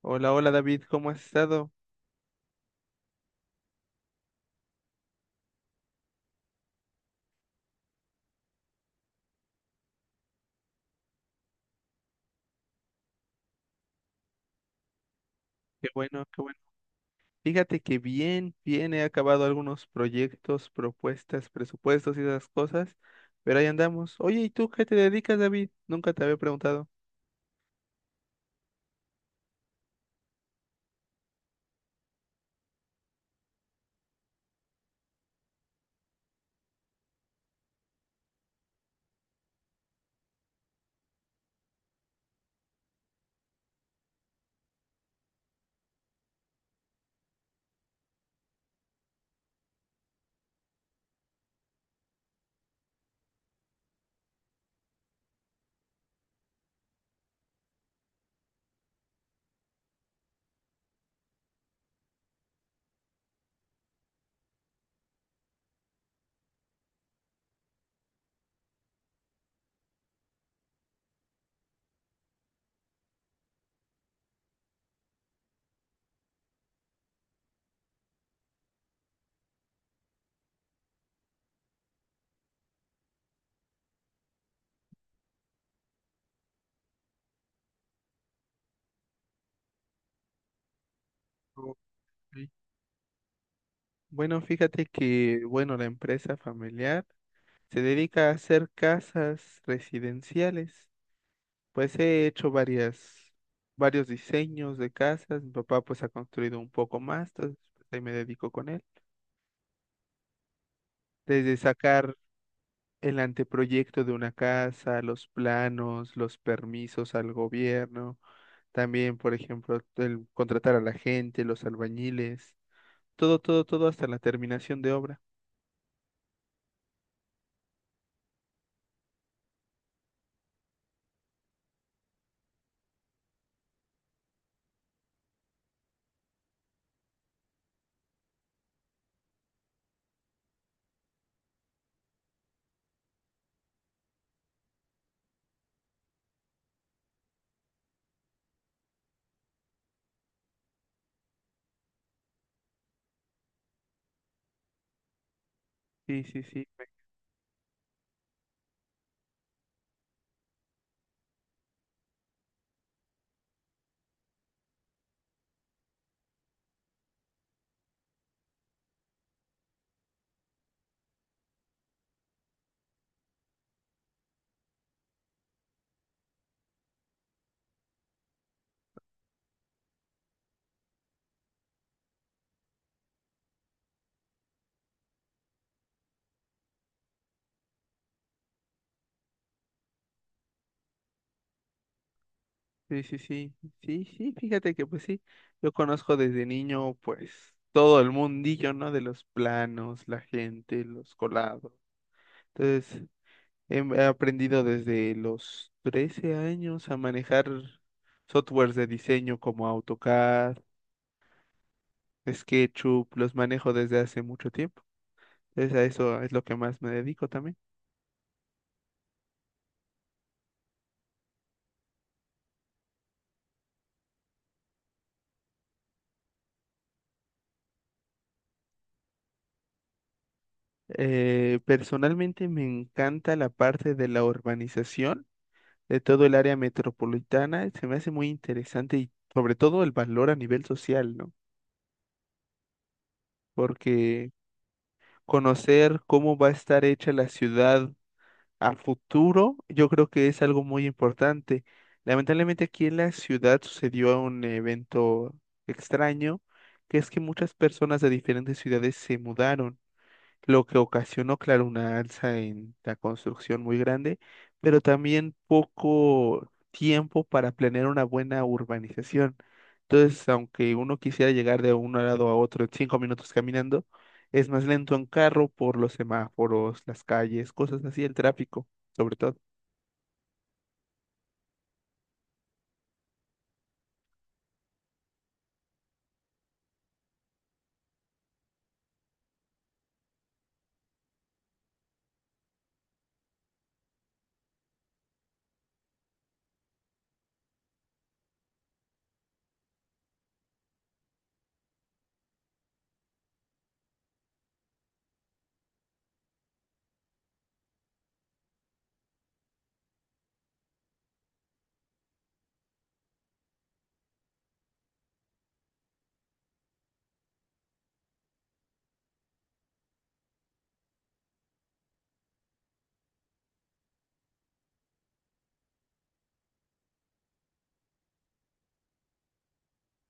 Hola, hola David, ¿cómo has estado? Qué bueno, qué bueno. Fíjate que bien, bien, he acabado algunos proyectos, propuestas, presupuestos y esas cosas, pero ahí andamos. Oye, ¿y tú qué te dedicas, David? Nunca te había preguntado. Ok. Bueno, fíjate que, bueno, la empresa familiar se dedica a hacer casas residenciales. Pues he hecho varias, varios diseños de casas. Mi papá pues ha construido un poco más, entonces pues, ahí me dedico con él desde sacar el anteproyecto de una casa, los planos, los permisos al gobierno, también, por ejemplo, el contratar a la gente, los albañiles, todo, todo, todo hasta la terminación de obra. Sí, sí, sí, pe- sí, sí, sí, sí, sí, fíjate que pues sí, yo conozco desde niño pues todo el mundillo, ¿no? De los planos, la gente, los colados. Entonces, he aprendido desde los 13 años a manejar softwares de diseño como AutoCAD, Es SketchUp, los manejo desde hace mucho tiempo. Entonces a eso es lo que más me dedico también. Personalmente me encanta la parte de la urbanización de todo el área metropolitana. Se me hace muy interesante y sobre todo el valor a nivel social, ¿no? Porque conocer cómo va a estar hecha la ciudad a futuro, yo creo que es algo muy importante. Lamentablemente aquí en la ciudad sucedió un evento extraño, que es que muchas personas de diferentes ciudades se mudaron lo que ocasionó, claro, una alza en la construcción muy grande, pero también poco tiempo para planear una buena urbanización. Entonces, aunque uno quisiera llegar de un lado a otro en 5 minutos caminando, es más lento en carro por los semáforos, las calles, cosas así, el tráfico, sobre todo.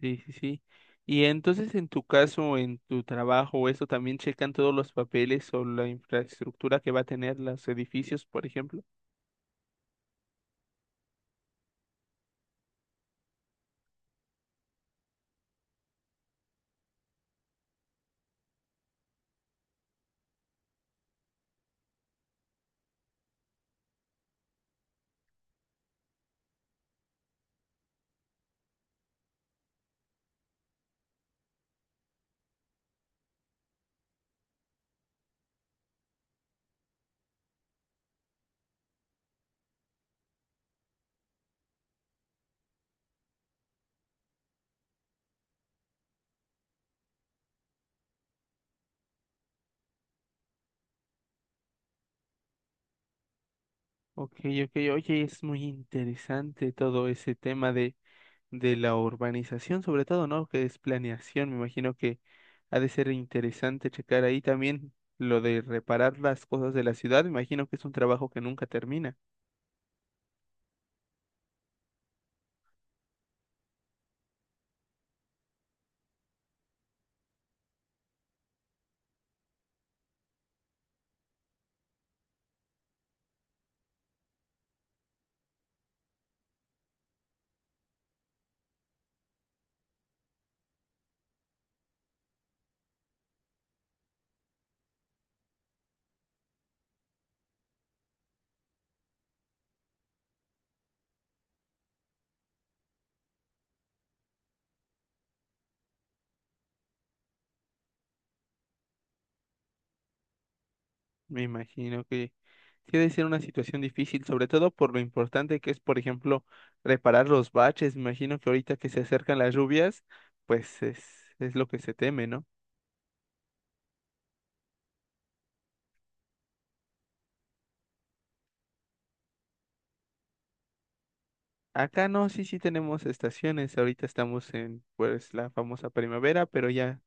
Sí, sí, sí. Y entonces, en tu caso, en tu trabajo, eso también checan todos los papeles o la infraestructura que va a tener los edificios, por ejemplo. Ok, ok, oye, es muy interesante todo ese tema de la urbanización, sobre todo, ¿no? Que es planeación, me imagino que ha de ser interesante checar ahí también lo de reparar las cosas de la ciudad, me imagino que es un trabajo que nunca termina, me imagino que sí ha de ser una situación difícil, sobre todo por lo importante que es, por ejemplo, reparar los baches, me imagino que ahorita que se acercan las lluvias, pues es lo que se teme, ¿no? Acá no, sí, sí tenemos estaciones. Ahorita estamos en, pues, la famosa primavera, pero ya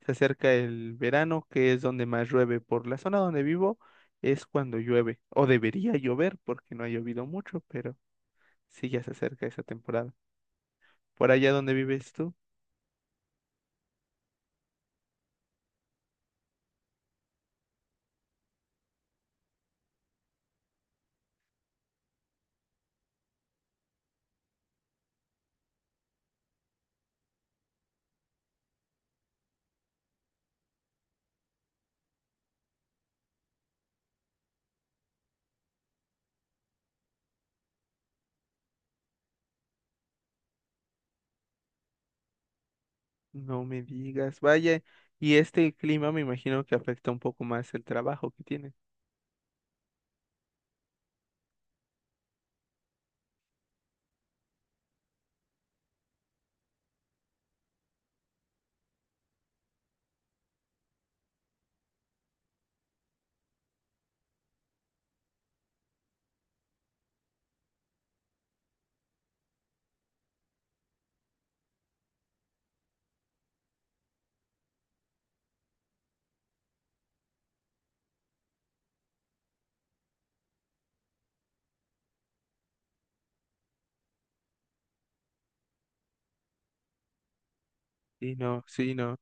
se acerca el verano, que es donde más llueve. Por la zona donde vivo es cuando llueve, o debería llover, porque no ha llovido mucho, pero sí ya se acerca esa temporada. Por allá donde vives tú, no me digas, vaya. Y este clima me imagino que afecta un poco más el trabajo que tienes. Sí, no, sí, no.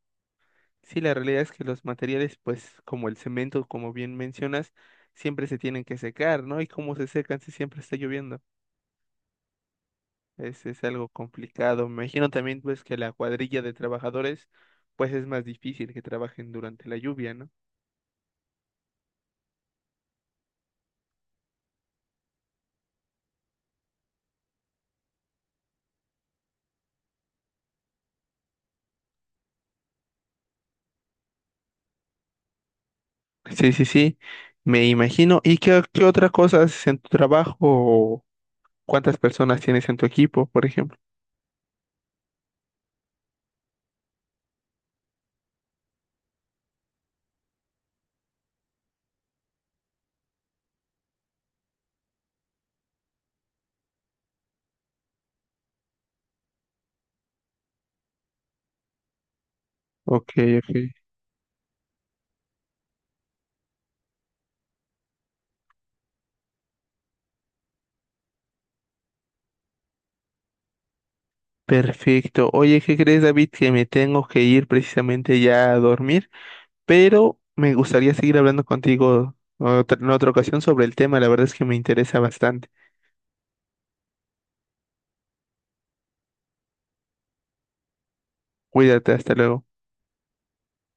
Sí, la realidad es que los materiales, pues como el cemento, como bien mencionas, siempre se tienen que secar, ¿no? Y como se secan si siempre está lloviendo. Es algo complicado. Me imagino también, pues, que la cuadrilla de trabajadores, pues es más difícil que trabajen durante la lluvia, ¿no? Sí, sí, sí, me imagino. ¿Y qué, qué otra cosa haces en tu trabajo o cuántas personas tienes en tu equipo, por ejemplo? Ok, ok. Perfecto. Oye, ¿qué crees, David? Que me tengo que ir precisamente ya a dormir. Pero me gustaría seguir hablando contigo en otra ocasión sobre el tema, la verdad es que me interesa bastante. Cuídate, hasta luego.